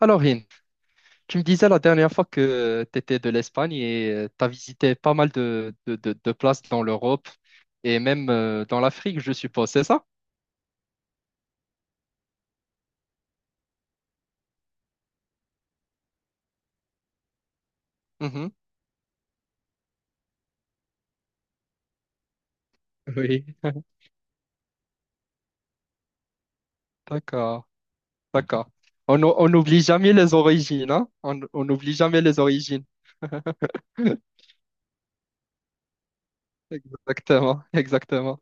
Alors, Rin, tu me disais la dernière fois que tu étais de l'Espagne et tu as visité pas mal de places dans l'Europe et même dans l'Afrique, je suppose, c'est ça? Mhm. Oui, d'accord, d'accord. On n'oublie jamais les origines, hein? On n'oublie jamais les origines. Exactement, exactement.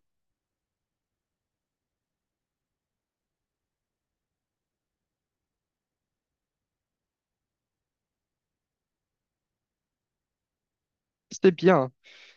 C'était bien.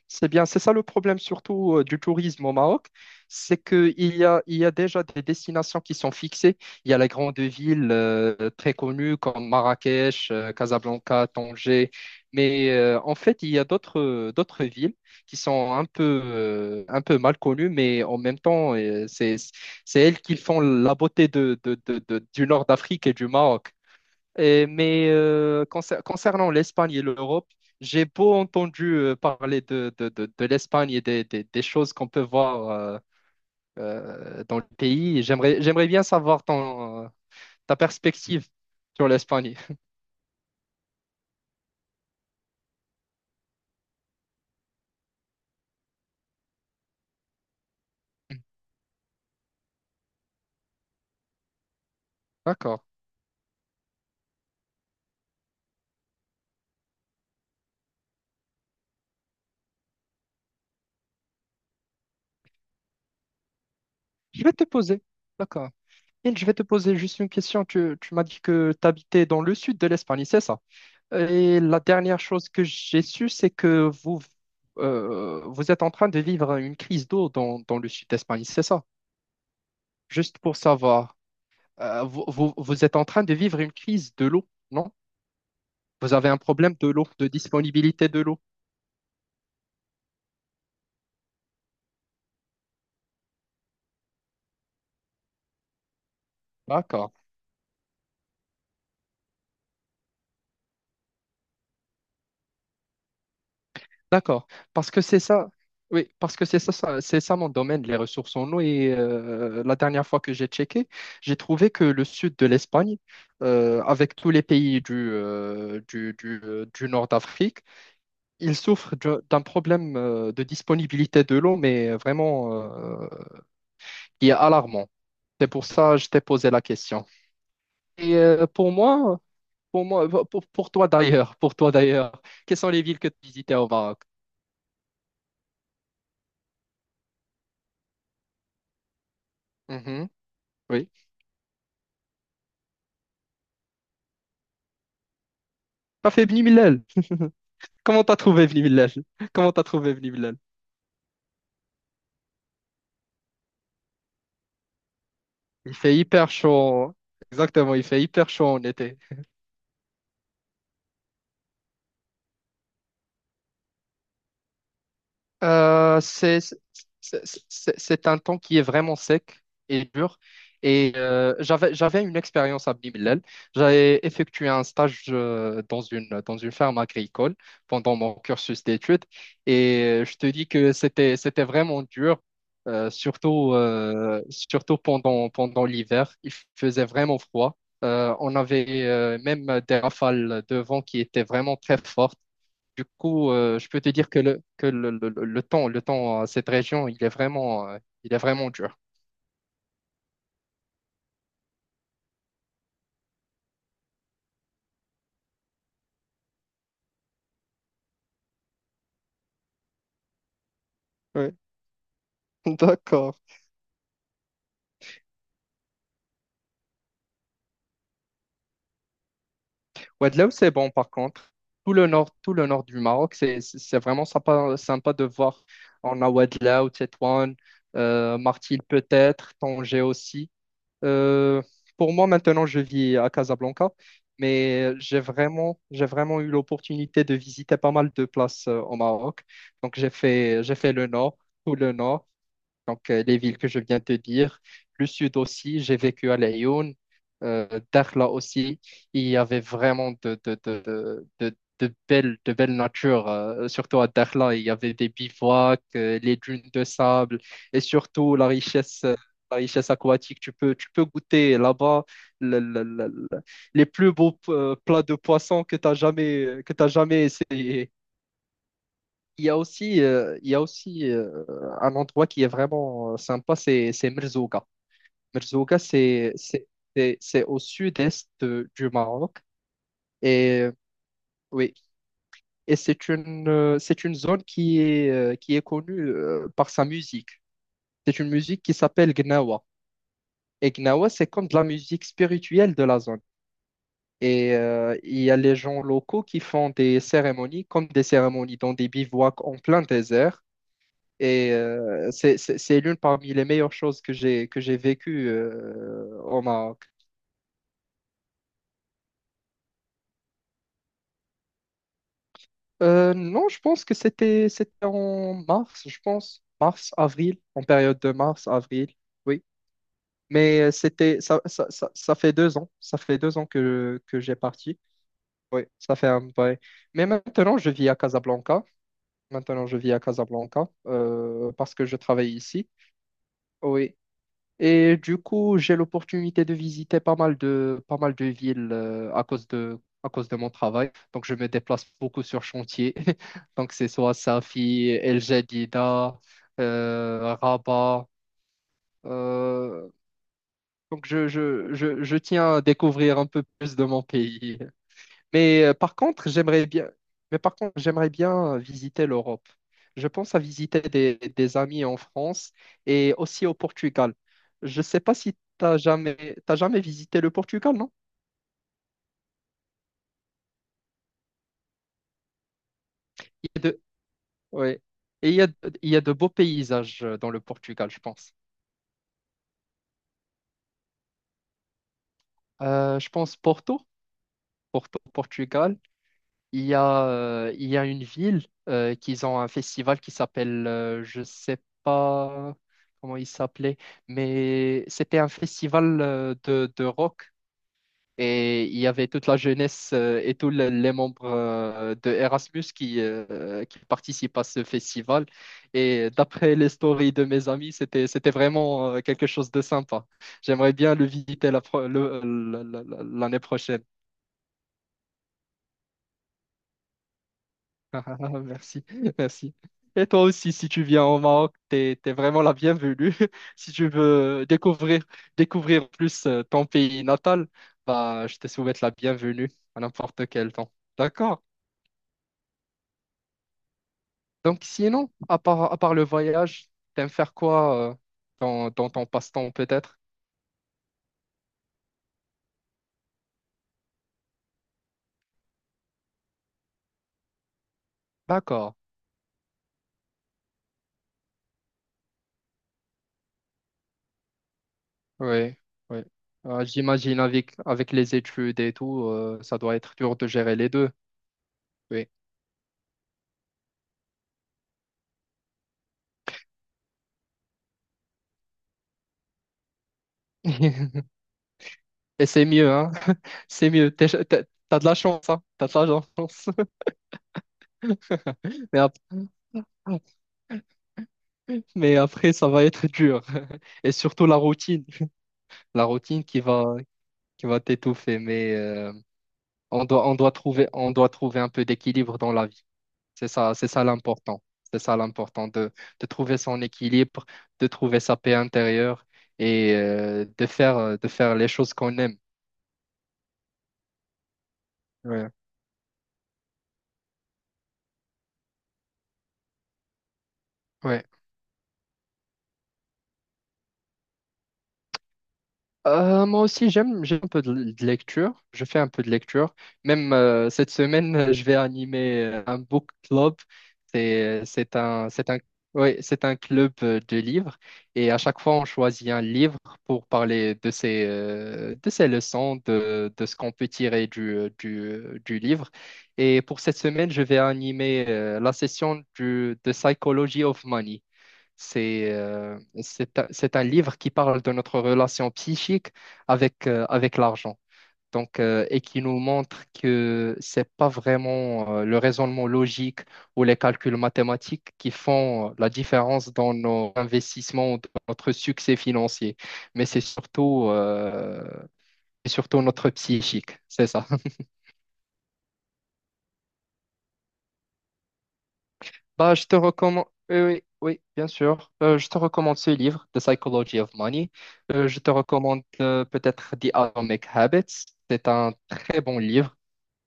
C'est bien, c'est ça le problème surtout du tourisme au Maroc, c'est qu'il y a, il y a déjà des destinations qui sont fixées. Il y a les grandes villes très connues comme Marrakech, Casablanca, Tanger, mais en fait, il y a d'autres d'autres villes qui sont un peu mal connues, mais en même temps, c'est elles qui font la beauté du nord d'Afrique et du Maroc. Mais concernant l'Espagne et l'Europe, j'ai beau entendu parler de l'Espagne et des choses qu'on peut voir dans le pays. J'aimerais bien savoir ta perspective sur l'Espagne. D'accord. Je vais te poser. D'accord. Et je vais te poser juste une question. Tu m'as dit que tu habitais dans le sud de l'Espagne, c'est ça? Et la dernière chose que j'ai su, c'est que vous êtes en train de vivre une crise d'eau dans le sud d'Espagne, c'est ça? Juste pour savoir, vous êtes en train de vivre une crise de l'eau, non? Vous avez un problème de l'eau, de disponibilité de l'eau. D'accord, d'accord. Parce que c'est ça, oui, parce que c'est ça, c'est ça mon domaine, les ressources en eau. Et la dernière fois que j'ai checké, j'ai trouvé que le sud de l'Espagne, avec tous les pays du nord d'Afrique, ils souffrent d'un problème de disponibilité de l'eau, mais vraiment qui est alarmant. C'est pour ça que je t'ai posé la question. Et pour moi, toi d'ailleurs, pour toi d'ailleurs, quelles sont les villes que tu visitais au Maroc? Mhm, oui. T'as fait Bni Mellal. Comment t'as trouvé Bni Mellal? Comment t'as trouvé Bni Mellal? Il fait hyper chaud. Exactement, il fait hyper chaud en été. Euh, c'est c'est- c'est un temps qui est vraiment sec et dur. Et j'avais une expérience à Bimilel. J'avais effectué un stage dans une ferme agricole pendant mon cursus d'études. Et je te dis que c'était vraiment dur, surtout pendant l'hiver. Il faisait vraiment froid. On avait même des rafales de vent qui étaient vraiment très fortes. Du coup, je peux te dire que le temps à cette région, il est vraiment dur. Ouais. D'accord. Ouadlaou, c'est bon par contre. Tout le nord du Maroc, c'est vraiment sympa, sympa de voir. On a Ouadlaou, Tétouan, Martil peut-être, Tanger aussi. Euh, pour moi, maintenant, je vis à Casablanca, mais j'ai vraiment eu l'opportunité de visiter pas mal de places au Maroc. Donc, j'ai fait le nord, tout le nord. Donc, les villes que je viens de dire, le sud aussi, j'ai vécu à Laayoune, euh, Dakhla aussi. Il y avait vraiment de belles, de belles natures, surtout à Dakhla. Il y avait des bivouacs, les dunes de sable et surtout la richesse aquatique. Tu peux goûter là-bas le- le- le- le- les plus beaux plats de poissons que tu jamais essayé. Il y a aussi, un endroit qui est vraiment sympa, c'est Merzouga. Merzouga, c'est au sud-est du Maroc. Et oui, et c'est une zone qui est connue par sa musique. C'est une musique qui s'appelle Gnawa. Et Gnawa, c'est comme de la musique spirituelle de la zone. Et il y a les gens locaux qui font des cérémonies, comme des cérémonies dans des bivouacs en plein désert. Et c'est l'une parmi les meilleures choses que j'ai vécues au Maroc. Non, je pense que c'était en mars, je pense. Mars, avril, en période de mars, avril, oui. Mais c'était ça, ça, ça, ça fait 2 ans. Ça fait deux ans que j'ai parti. Oui, ça fait un vrai. Mais maintenant, je vis à Casablanca. Maintenant, je vis à Casablanca parce que je travaille ici. Oui, et du coup, j'ai l'opportunité de visiter pas mal de villes à cause de mon travail. Donc, je me déplace beaucoup sur chantier. Donc, c'est soit Safi, El Jadida, Rabat. Euh, donc, je tiens à découvrir un peu plus de mon pays. Mais par contre, j'aimerais bien visiter l'Europe. Je pense à visiter des amis en France et aussi au Portugal. Je ne sais pas si tu n'as jamais, t'as jamais visité le Portugal, non? Il y a de, ouais. Et il y a, il y a de beaux paysages dans le Portugal, je pense. Je pense Porto, Porto, Portugal. Il y a, il y a une ville qu'ils ont un festival qui s'appelle, je sais pas comment il s'appelait, mais c'était un festival de rock et il y avait toute la jeunesse et les membres de Erasmus qui participent à ce festival. Et d'après les stories de mes amis, c'était vraiment quelque chose de sympa. J'aimerais bien le visiter la pro- le- l'année prochaine. Ah, ah, ah, merci, merci. Et toi aussi, si tu viens au Maroc, t'es vraiment la bienvenue. Si tu veux découvrir, découvrir plus ton pays natal, bah, je te souhaite la bienvenue à n'importe quel temps. D'accord? Donc, sinon, à part le voyage, t'aimes faire quoi dans ton passe-temps peut-être? D'accord. Oui, oui. J'imagine avec, avec les études et tout, ça doit être dur de gérer les deux. Oui. Et c'est mieux, hein? C'est mieux. T'as de la chance, hein. T'as de la chance. Mais après, mais après, ça va être dur. Et surtout la routine. La routine qui va, qui va t'étouffer. Mais on doit, on doit trouver un peu d'équilibre dans la vie. C'est ça l'important. C'est ça de trouver son équilibre, de trouver sa paix intérieure et de faire les choses qu'on aime. Ouais. Ouais. Moi aussi, j'aime un peu de lecture. Je fais un peu de lecture. Même cette semaine, je vais animer un book club. C'est un, ouais, c'est un club de livres. Et à chaque fois, on choisit un livre pour parler de ses leçons, de ce qu'on peut tirer du livre. Et pour cette semaine, je vais animer de Psychology of Money. C'est un livre qui parle de notre relation psychique avec l'argent. Donc, et qui nous montre que c'est pas vraiment le raisonnement logique ou les calculs mathématiques qui font la différence dans nos investissements, ou dans notre succès financier, mais c'est surtout, notre psychique, c'est ça. Bah, je te recommande, oui, oui, oui, bien sûr. Je te recommande ce livre, The Psychology of Money. Je te recommande peut-être The Atomic Habits. C'est un très bon livre.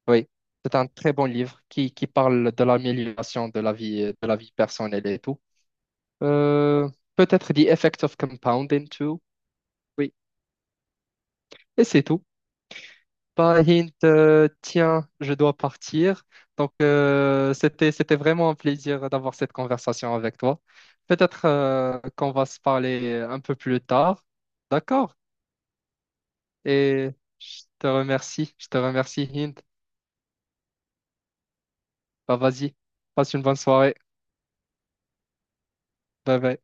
Oui, c'est un très bon livre qui parle de l'amélioration de la vie personnelle et tout. Euh, peut-être The Effect of Compounding too. Oui, et c'est tout. Pas Hint, tiens, je dois partir. Donc, c'était vraiment un plaisir d'avoir cette conversation avec toi. Peut-être qu'on va se parler un peu plus tard. D'accord? Et je te remercie. Je te remercie, Hint. Bah, vas-y. Passe une bonne soirée. Bye bye.